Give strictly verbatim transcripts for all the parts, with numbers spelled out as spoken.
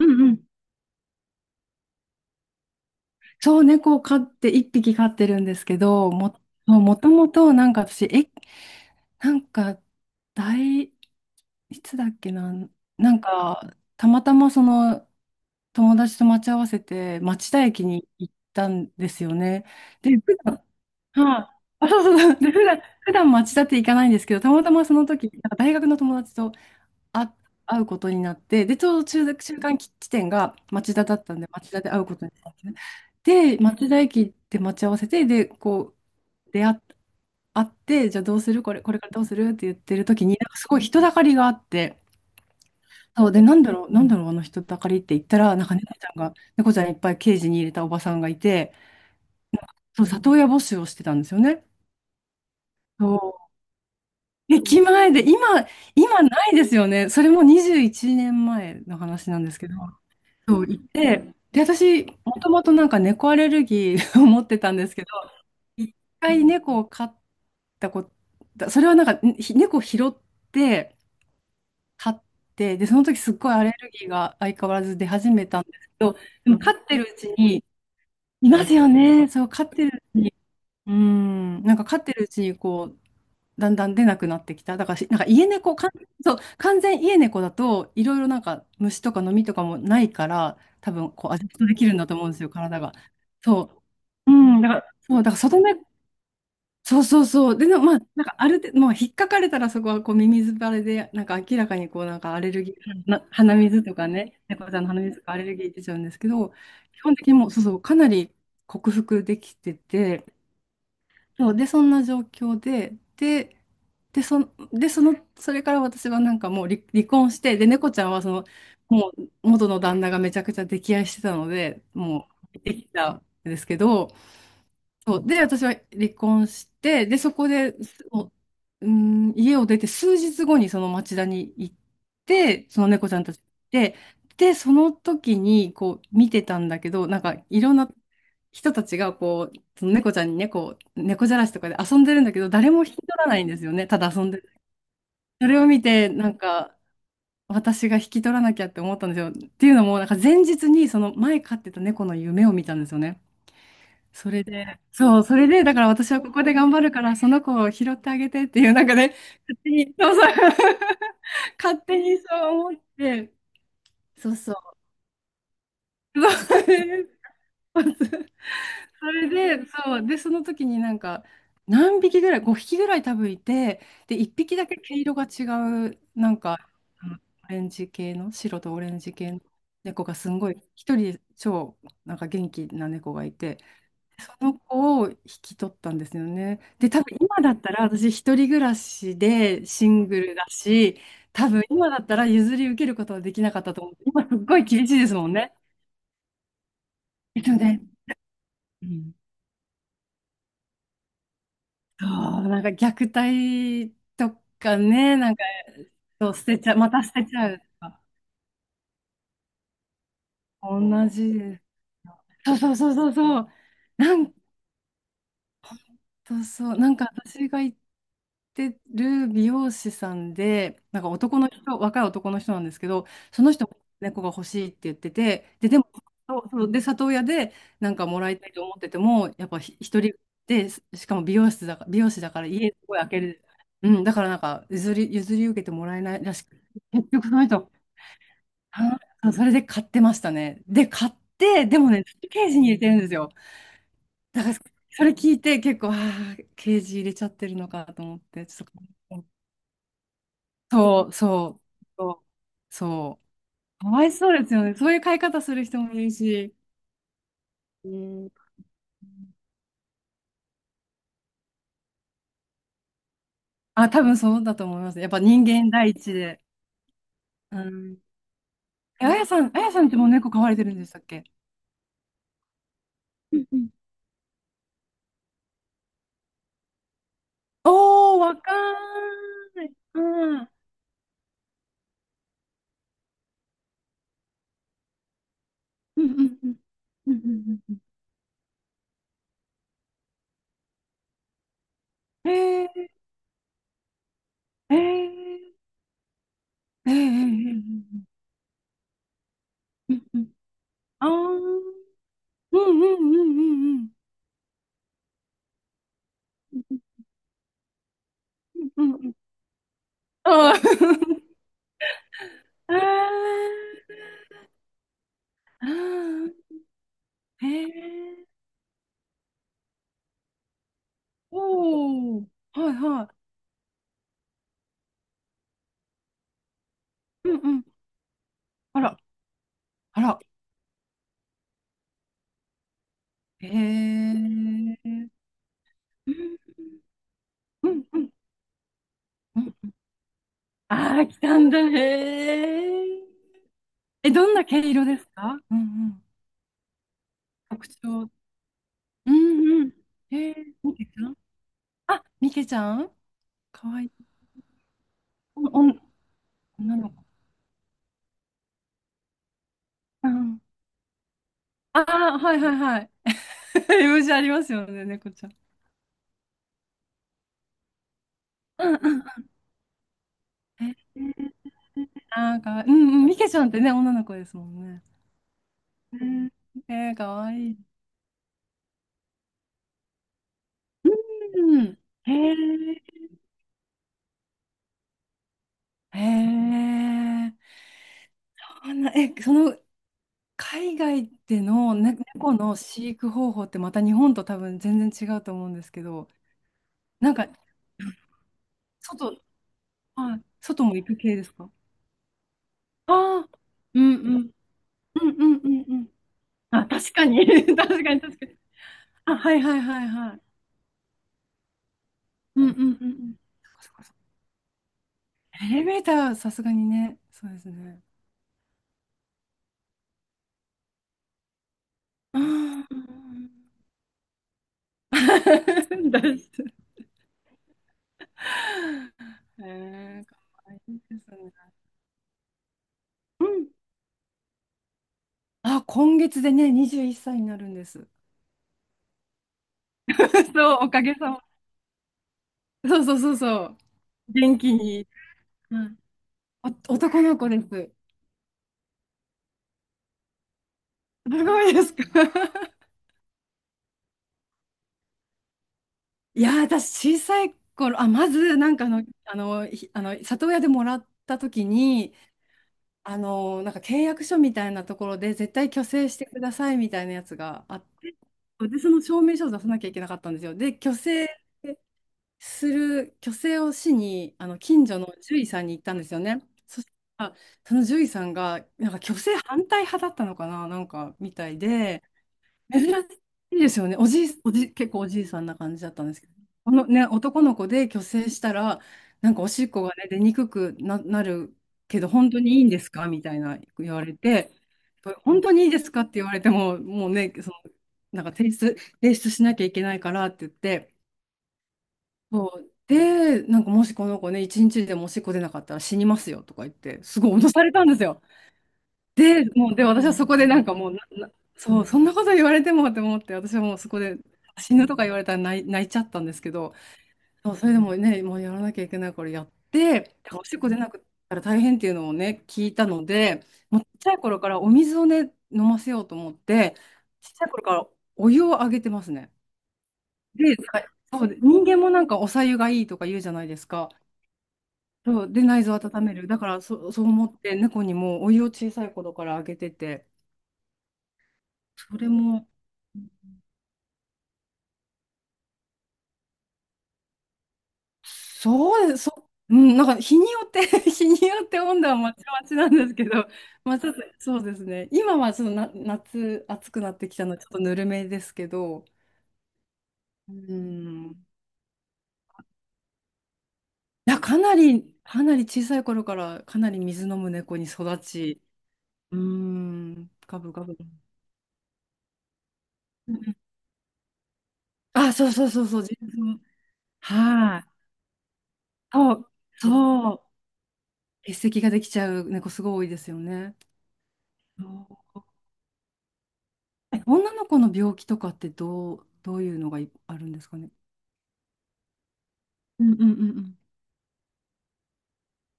うんうん。そう、猫を飼って、一匹飼ってるんですけど、も、そうもともと、なんか私、え、なんか、大、いつだっけな、なんか、たまたまその、友達と待ち合わせて、町田駅に行ったんですよね。で、普段、はい、あ、そうそうそう、で、普段、普段町田って行かないんですけど、たまたまその時、なんか大学の友達とあ、会うことになって、で、ちょうど中、中間地点が町田だったんで、町田で会うことになってね。で、町田駅で待ち合わせて、で、こう、出会っ、会って、じゃあどうするこれ、これからどうするって言ってる時に、なんかすごい人だかりがあって、そうで、なんだろう、なんだろう、あの人だかりって言ったら、なんか猫ちゃんが、猫ちゃんいっぱいケージに入れたおばさんがいて、そう、里親募集をしてたんですよね。そう。駅前で、今、今ないですよね。それもにじゅういちねんまえの話なんですけど。そう、行って、で、私、もともとなんか猫アレルギー を持ってたんですけど、一回猫を飼ったこと、それはなんか、ひ猫を拾って飼って、で、その時すっごいアレルギーが相変わらず出始めたんですけど、でも飼ってるうちに、いますよね、そう、飼ってるうちに、うん、なんか飼ってるうちにこう、だんだん出なくなってきた。だからし、なんか家猫、かん、そう、完全家猫だと、いろいろなんか虫とかノミとかもないから、多分こうアジェストできるんだと思うんですよ、体が。そう。うん、だから、そう、だから外目、そうそうそう。で、なまあ、なんかある程度、もう引っかかれたらそこはこうミミズバレで、なんか明らかにこうなんかアレルギー、な、鼻水とかね、猫ちゃんの鼻水とかアレルギー出ちゃうんですけど、基本的にもう、そうそう、かなり克服できてて、そう、で、そんな状況で、で、で、その、で、その、それから私はなんかもう離、離婚して、で、猫ちゃんはその、もう元の旦那がめちゃくちゃ溺愛してたので、もう、できたんですけど、そう、で、私は離婚して、で、そこで、もう、うーん、家を出て数日後にその町田に行って、その猫ちゃんたちで、で、その時にこう見てたんだけど、なんかいろんな人たちがこう、その猫ちゃんに猫、猫じゃらしとかで遊んでるんだけど、誰も引き取らないんですよね。ただ遊んでる。それを見て、なんか、私が引き取らなきゃって思ったんですよ。っていうのも、なんか前日にその前飼ってた猫の夢を見たんですよね。それで、そう、それで、だから私はここで頑張るから、その子を拾ってあげてっていう、なんかね、勝手に、そうそう、勝手にそう思って、そうそう。そう それで、そう。で、その時になんか、何匹ぐらい、ごひきぐらい多分いて、で、いっぴきだけ毛色が違う、なんか、あのオレンジ系の、白とオレンジ系の猫がすんごい、一人超、なんか元気な猫がいて、その子を引き取ったんですよね。で、多分今だったら、私一人暮らしでシングルだし、多分今だったら譲り受けることはできなかったと思う。今すっごい厳しいですもんね。えっとね、うんそう、なんか虐待とかね、なんか、そう、捨てちゃう、また捨てちゃうとか、同じですよ。そうそうそうそうそう。なんそうそう。なんか私が行ってる美容師さんで、なんか男の人、若い男の人なんですけど、その人も猫が欲しいって言ってて、で、でも、そうそうで、里親でなんかもらいたいと思ってても、やっぱひ一人で、ししかも美容室だから、美容師だから家すごい開ける。うん、だからなんか譲り、譲り受けてもらえないらしくて、結局その人、あそそれで買ってましたね。で、買って、でもね、ケージに入れてるんですよ。なんかそれ聞いて結構、ああ、ケージ入れちゃってるのかと思って、ちょっと、そう、そう、そう、そう、かわいそうですよね。そういう飼い方する人もいるし、うん、あ、多分そうだと思います。やっぱ人間第一で。うん。え、あやさん、あやさんってもう猫飼われてるんでしたっけ？うんうん、おー、若い。うん。うんうんうんうんうんうん、えー、えー、えー、えー、えー、うんうん、あー、うんうんうんうんうん。うんうん。あー あー、あー、へえ、おお、はいはい。うんうん。あら、あら、へえ、うんうんうんうん。ああ、来たんだ、へえ。え、どんな毛色ですか？うんうん。特徴。うんうん。へえ、みけちゃんあ、みけちゃんかわいい。おん、女の子。うん。ああ、はいはいはい。イメージありますよね、猫ちゃん。うん、えー、あー、かわうんうん、ミケちゃんってね、女の子ですもんね。うん、えー、かわいい。うん。へえ、へえ、そんな、え、その海外でのね猫の飼育方法ってまた日本と多分全然違うと思うんですけど、なんか外、はい、外も行く系ですか？ああー、うんうん、うんうんうんうん。あ、確かに、確かに確かに。あ、はいはいはいはい。うんうんうんうん。エレベーターはさすがにね、そうですね。うん。大丈夫？えー、かわいいですね。うん。あ、今月でね、にじゅっさいになるんです。そう、おかげさま。そうそうそうそう。元気に。うん。お、男の子です。すごいですか？いやー、私、小さい頃、あ、まず、なんかあの、あの、ひあの、里親でもらった時に、あの、なんか契約書みたいなところで絶対虚勢してくださいみたいなやつがあって、で、その証明書を出さなきゃいけなかったんですよ。で、虚勢する、虚勢をしに、あの、近所の獣医さんに行ったんですよね。そしたら、その獣医さんが、なんか虚勢反対派だったのかな、なんかみたいで、珍しいですよね。おじい、おじ、結構おじいさんな感じだったんですけど。このね、男の子で去勢したら、なんかおしっこがね、出にくくな、なるけど、本当にいいんですかみたいな言われて、本当にいいですかって言われても、もうね、その、なんか提出、提出しなきゃいけないからって言って、そう。で、なんかもしこの子ね、一日でもおしっこ出なかったら死にますよとか言って、すごい脅されたんですよ。で、もう、で、私はそこでなんかもうな、なそう、そんなこと言われてもって思って、私はもうそこで死ぬとか言われたら泣い、泣いちゃったんですけど、そう、それでもね、もうやらなきゃいけないからやって、おしっこ出なくったら大変っていうのをね、聞いたので、もうちっちゃい頃からお水をね、飲ませようと思って、ちっちゃい頃からお湯をあげてますね。で、はい、そうで、人間もなんかお白湯がいいとか言うじゃないですか。そう、で、内臓を温める。だからそ、そう思って、猫にもお湯を小さい頃からあげてて。それも、そうです、そう、うん、なんか日によって 日によって温度はまちまちなんですけど、まあ、ちょっとそうですね、今はちょっとな夏、暑くなってきたので、ちょっとぬるめですけど、うん、いや、かなり、かなり小さい頃からかなり水飲む猫に育ち、うん、ガブガブ。うん、あ、そうそうそうそう、自分、はい、そう、そう、結石ができちゃう猫、すごい多いですよね。そう、え、女の子の病気とかってどう、どういうのがいあるんですかね？うんうんうんうん。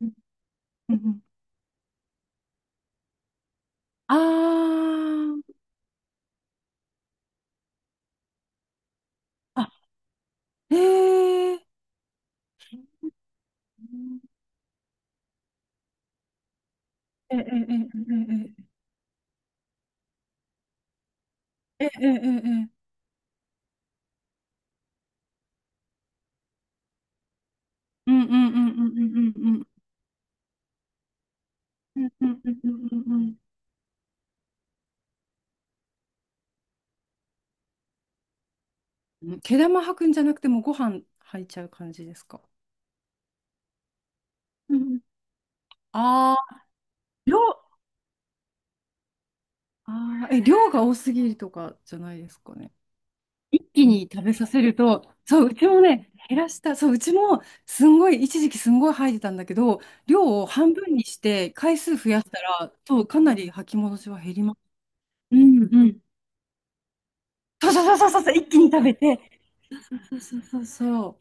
うんうん、あー、あ、えー、ええええええええええええ、うんうんうんうんうんうんうんうんうんうんうんうんうん、毛玉吐くんじゃなくてもうご飯吐いちゃう感じですか？うん、うあー量、ああ、え、量が多すぎるとかじゃないですかね。一気に食べさせると、そう、うちもね、減らした、そう、うちもすんごい、一時期すんごい吐いてたんだけど、量を半分にして回数増やしたら、そう、かなり吐き戻しは減ります。うんうん。そうそうそうそうそう、一気に食べて。そうそうそうそう、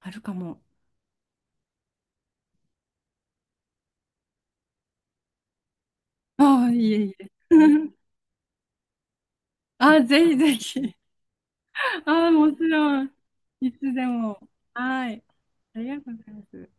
あるかも。ああ、いえいえ。あ、ぜひぜひ。ああ、もちろん。いつでも。はい。ありがとうございます。